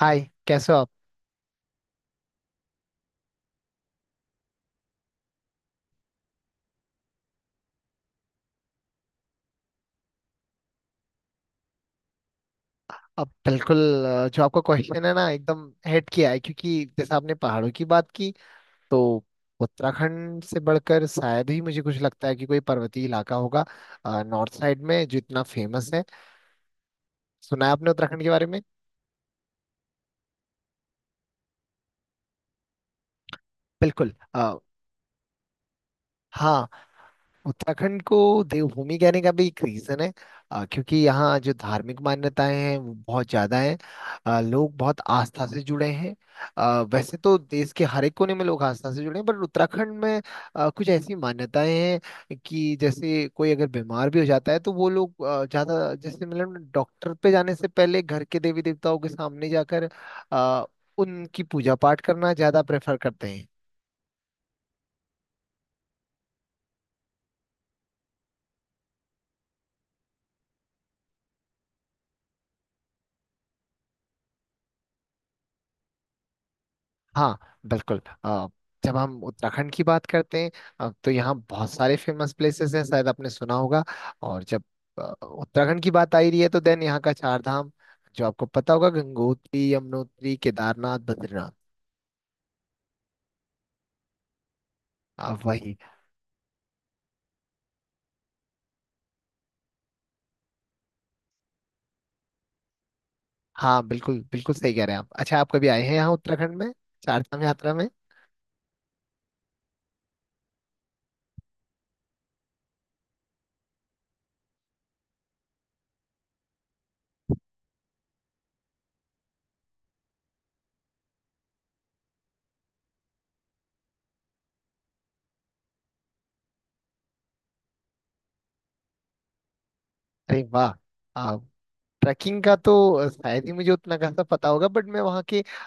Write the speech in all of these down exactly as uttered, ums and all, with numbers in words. हाय। कैसे हो आप? अब बिल्कुल। अ, जो आपका क्वेश्चन है ना एकदम हिट किया है, क्योंकि जैसे आपने पहाड़ों की बात की तो उत्तराखंड से बढ़कर शायद ही मुझे कुछ लगता है कि कोई पर्वतीय इलाका होगा नॉर्थ साइड में जो इतना फेमस है। सुना है आपने उत्तराखंड के बारे में? बिल्कुल। अ, हाँ, उत्तराखंड को देवभूमि कहने का भी एक रीजन है। अ, क्योंकि यहाँ जो धार्मिक मान्यताएं हैं वो बहुत ज्यादा हैं। अ, लोग बहुत आस्था से जुड़े हैं। अ, वैसे तो देश के हर एक कोने में लोग आस्था से जुड़े हैं, पर उत्तराखंड में अ, कुछ ऐसी मान्यताएं हैं कि जैसे कोई अगर बीमार भी हो जाता है तो वो लोग अ, ज्यादा जैसे मतलब डॉक्टर पे जाने से पहले घर के देवी देवताओं के सामने जाकर अ, उनकी पूजा पाठ करना ज्यादा प्रेफर करते हैं। हाँ बिल्कुल। अ, जब हम उत्तराखंड की बात करते हैं अ, तो यहाँ बहुत सारे फेमस प्लेसेस हैं, शायद आपने सुना होगा। और जब अ, उत्तराखंड की बात आ ही रही है तो देन यहाँ का चार धाम जो आपको पता होगा, गंगोत्री, यमुनोत्री, केदारनाथ, बद्रीनाथ। अ, वही। हाँ बिल्कुल बिल्कुल, सही कह रहे हैं आप। अच्छा, आप कभी आए हैं यहाँ उत्तराखंड में, चार धाम यात्रा में? अरे वाह। ट्रैकिंग का तो अ, शायद ही मुझे उतना खासा पता होगा, बट मैं वहाँ के अ,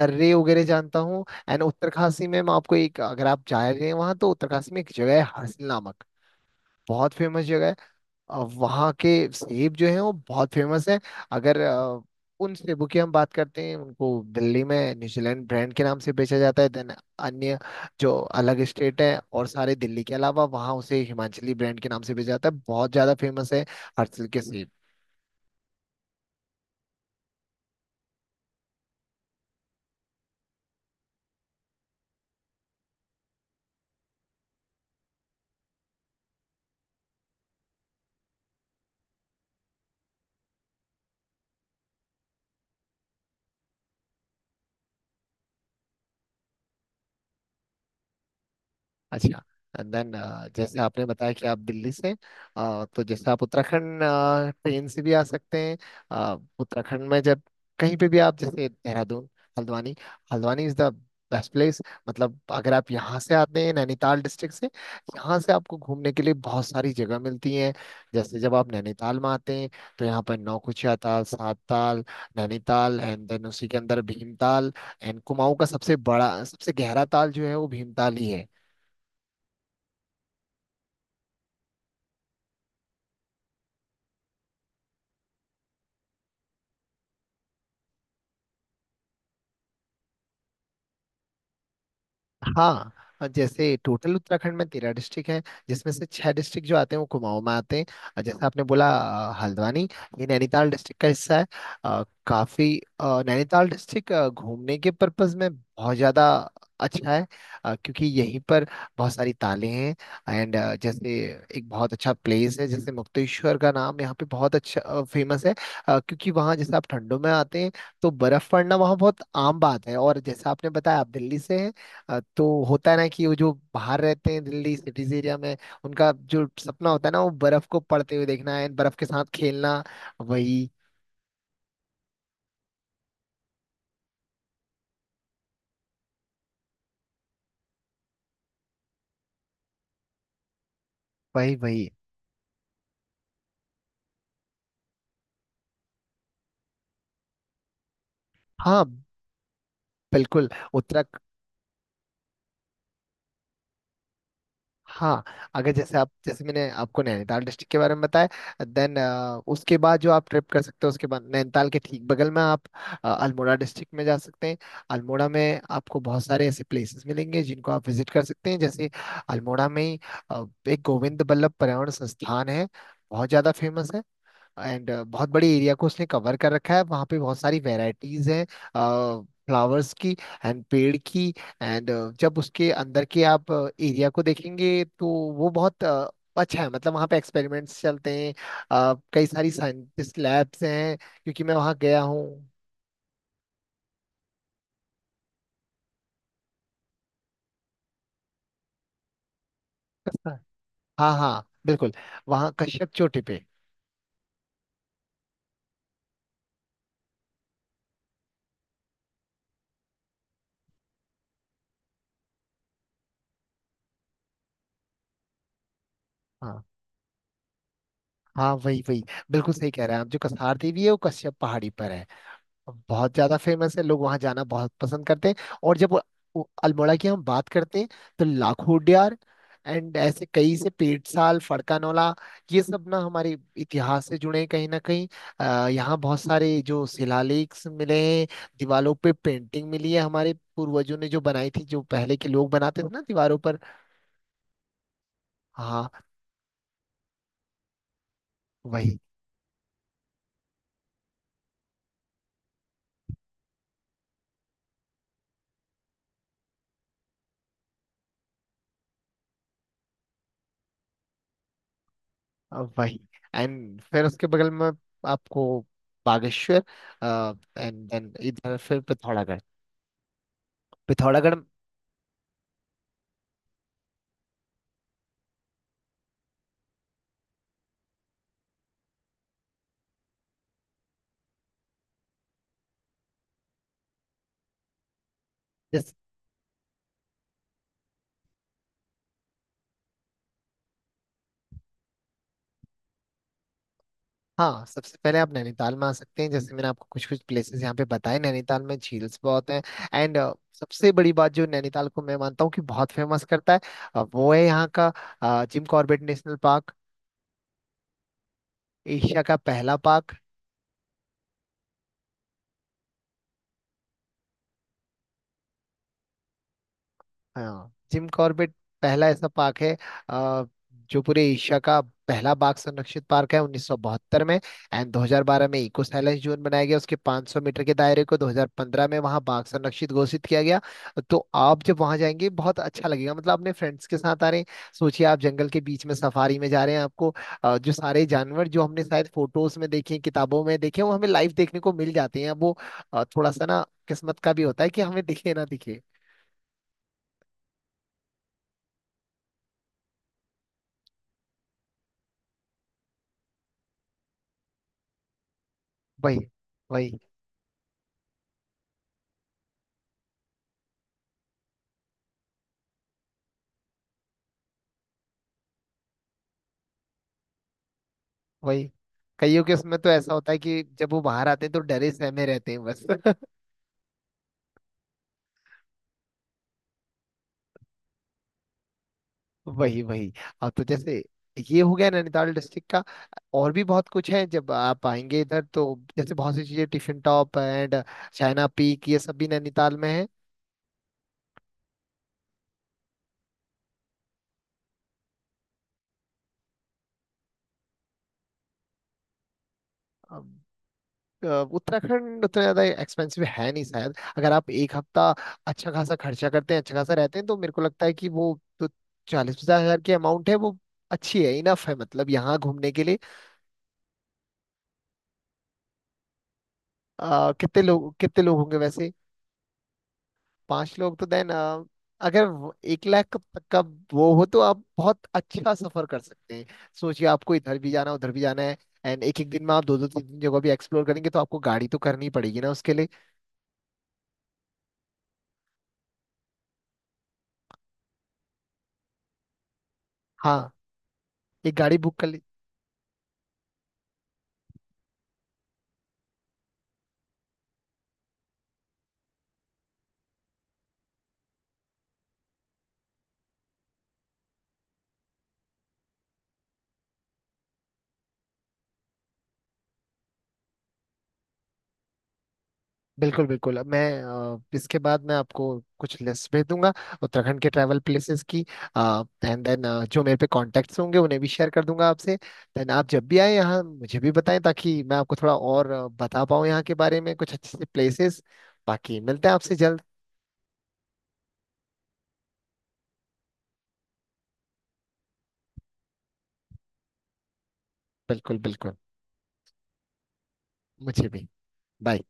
दर्रे वगैरह जानता हूँ। एंड उत्तरकाशी में मैं आपको एक, अगर आप जा रहे हैं वहाँ तो उत्तरकाशी में एक जगह है हर्सिल नामक, बहुत फेमस जगह है। अ, वहाँ के सेब जो हैं वो बहुत फेमस हैं। अगर अ, उन सेबों की हम बात करते हैं, उनको दिल्ली में न्यूजीलैंड ब्रांड के नाम से बेचा जाता है। देन अन्य जो अलग स्टेट है और सारे, दिल्ली के अलावा, वहाँ उसे हिमाचली ब्रांड के नाम से बेचा जाता है। बहुत ज़्यादा फेमस है हर्सिल के सेब। अच्छा। एंड देन, जैसे आपने बताया कि आप दिल्ली से, अ, तो जैसे आप उत्तराखंड अ, ट्रेन से भी आ सकते हैं। अ, उत्तराखंड में जब कहीं पे भी आप जैसे Dehradun, Haldwani, Haldwani is the best place. मतलब अगर आप यहाँ से आते हैं नैनीताल डिस्ट्रिक्ट से, यहाँ से आपको घूमने के लिए बहुत सारी जगह मिलती हैं। जैसे जब आप नैनीताल में आते हैं तो यहाँ पर नौकुचिया ताल, सात ताल, नैनीताल, एंड देन उसी के अंदर भीमताल। एंड कुमाऊं का सबसे बड़ा सबसे गहरा ताल जो है वो भीमताल ही है। हाँ। और जैसे टोटल उत्तराखंड में तेरह डिस्ट्रिक्ट हैं, जिसमें से छह डिस्ट्रिक्ट जो आते हैं वो कुमाऊं में आते हैं। और जैसे आपने बोला अ, हल्द्वानी, ये नैनीताल डिस्ट्रिक्ट का हिस्सा है। अ, काफी अ, नैनीताल डिस्ट्रिक्ट अ, घूमने के पर्पज में बहुत ज्यादा अच्छा है। अ, क्योंकि यहीं पर बहुत सारी तालें हैं। एंड जैसे एक बहुत अच्छा प्लेस है, जैसे मुक्तेश्वर का नाम यहाँ पे बहुत अच्छा फेमस है। अ, क्योंकि वहाँ जैसे आप ठंडों में आते हैं तो बर्फ पड़ना वहाँ बहुत आम बात है। और जैसा आपने बताया आप दिल्ली से हैं, अ, तो होता है ना कि वो जो बाहर रहते हैं दिल्ली सिटीज एरिया में, उनका जो सपना होता है ना वो बर्फ को पड़ते हुए देखना है, बर्फ के साथ खेलना। वही वही वही। हाँ बिल्कुल। उत्तराखंड। हाँ, अगर जैसे आप, जैसे मैंने आपको नैनीताल डिस्ट्रिक्ट के बारे में बताया, देन उसके बाद जो आप ट्रिप कर सकते हो, उसके बाद नैनीताल के ठीक बगल में आप अ, अल्मोड़ा डिस्ट्रिक्ट में जा सकते हैं। अल्मोड़ा में आपको बहुत सारे ऐसे प्लेसेस मिलेंगे जिनको आप विजिट कर सकते हैं, जैसे अल्मोड़ा में ही अ, एक गोविंद बल्लभ पर्यावरण संस्थान है, बहुत ज्यादा फेमस है। एंड बहुत बड़े एरिया को उसने कवर कर रखा है। वहाँ पे बहुत सारी वेराइटीज हैं फ्लावर्स की एंड पेड़ की। एंड जब उसके अंदर के आप एरिया को देखेंगे तो वो बहुत अ, अच्छा है। मतलब वहाँ पे एक्सपेरिमेंट्स चलते हैं, अ, कई सारी साइंटिस्ट लैब्स हैं, क्योंकि मैं वहाँ गया हूँ। हाँ हाँ बिल्कुल। वहाँ कश्यप चोटी पे। हाँ हाँ, वही वही। बिल्कुल सही कह रहे हैं आप। जो कसार देवी है वो कश्यप पहाड़ी पर है, बहुत ज्यादा फेमस है, लोग वहां जाना बहुत पसंद करते हैं। और जब वो- वो अल्मोड़ा की हम बात करते हैं तो लाखोडियार एंड ऐसे कई से पेटसाल फड़कानोला, ये सब ना हमारे इतिहास से जुड़े हैं कहीं ना कहीं। अ, यहाँ बहुत सारे जो शिलालेख मिले हैं, दीवारों पे पेंटिंग मिली है हमारे पूर्वजों ने जो बनाई थी, जो पहले के लोग बनाते थे ना दीवारों पर। हाँ। वही। अ, वही। एंड फिर उसके बगल में आपको बागेश्वर, एंड देन इधर फिर पिथौरागढ़, पिथौरागढ़। जैसे हाँ, सबसे पहले आप नैनीताल में आ सकते हैं। जैसे मैंने आपको कुछ कुछ प्लेसेस यहाँ पे बताए, नैनीताल में झील्स बहुत हैं। एंड सबसे बड़ी बात जो नैनीताल को मैं मानता हूँ कि बहुत फेमस करता है, अ, वो है यहाँ का Jim Corbett National Park, Asia का पहला पार्क। हाँ जिम कॉर्बेट पहला ऐसा पार्क है अ, जो पूरे एशिया का पहला बाघ संरक्षित पार्क है, उन्नीस सौ बहत्तर में। एंड दो हज़ार बारह में इको साइलेंस जोन बनाया गया उसके पाँच सौ मीटर के दायरे को, दो हज़ार पंद्रह में वहाँ बाघ संरक्षित घोषित किया गया। तो आप जब वहाँ जाएंगे बहुत अच्छा लगेगा। मतलब अपने फ्रेंड्स के साथ आ रहे हैं, सोचिए आप जंगल के बीच में सफारी में जा रहे हैं। आपको अ, जो सारे जानवर जो हमने शायद फोटोज में देखे, किताबों में देखे, वो हमें लाइव देखने को मिल जाते हैं। अब वो अ, थोड़ा सा ना किस्मत का भी होता है कि हमें दिखे ना दिखे। वही वही। वही। कईयों के उसमें तो ऐसा होता है कि जब वो बाहर आते हैं तो डरे सहमे रहते हैं बस वही वही। अब तो जैसे ये हो गया नैनीताल डिस्ट्रिक्ट का। और भी बहुत कुछ है जब आप आएंगे इधर तो, जैसे बहुत सी चीजें Tiffin Top and China Peak, ये सब भी नैनीताल में है। अब, अ, उत्तराखंड उतना ज्यादा एक्सपेंसिव है नहीं शायद। अगर आप एक हफ्ता अच्छा खासा खर्चा करते हैं, अच्छा खासा रहते हैं, तो मेरे को लगता है कि वो जो चालीस पचास हज़ार की अमाउंट है वो अच्छी है, इनफ है, मतलब यहाँ घूमने के लिए। आ, कितने लोग कितने लोग होंगे वैसे? पांच लोग तो देन, अगर वो- एक लाख का तक का वो हो तो आप बहुत अच्छा सफर कर सकते हैं। सोचिए आपको इधर भी जाना उधर भी जाना है, एंड एक एक दिन में आप दो दो तीन तीन जगह भी एक्सप्लोर करेंगे, तो आपको गाड़ी तो करनी पड़ेगी ना उसके लिए। हाँ, एक गाड़ी बुक कर ले। बिल्कुल बिल्कुल। अब मैं अ, इसके बाद मैं आपको कुछ लिस्ट भेज दूंगा उत्तराखंड के ट्रैवल प्लेसेस की। एंड देन जो मेरे पे कॉन्टेक्ट्स होंगे उन्हें भी शेयर कर दूंगा आपसे। देन आप जब भी आए यहाँ मुझे भी बताएं, ताकि मैं आपको थोड़ा और अ, बता पाऊँ यहाँ के बारे में कुछ अच्छे से प्लेसेस। बाकी मिलते हैं आपसे जल्द। बिल्कुल बिल्कुल। मुझे भी। बाय।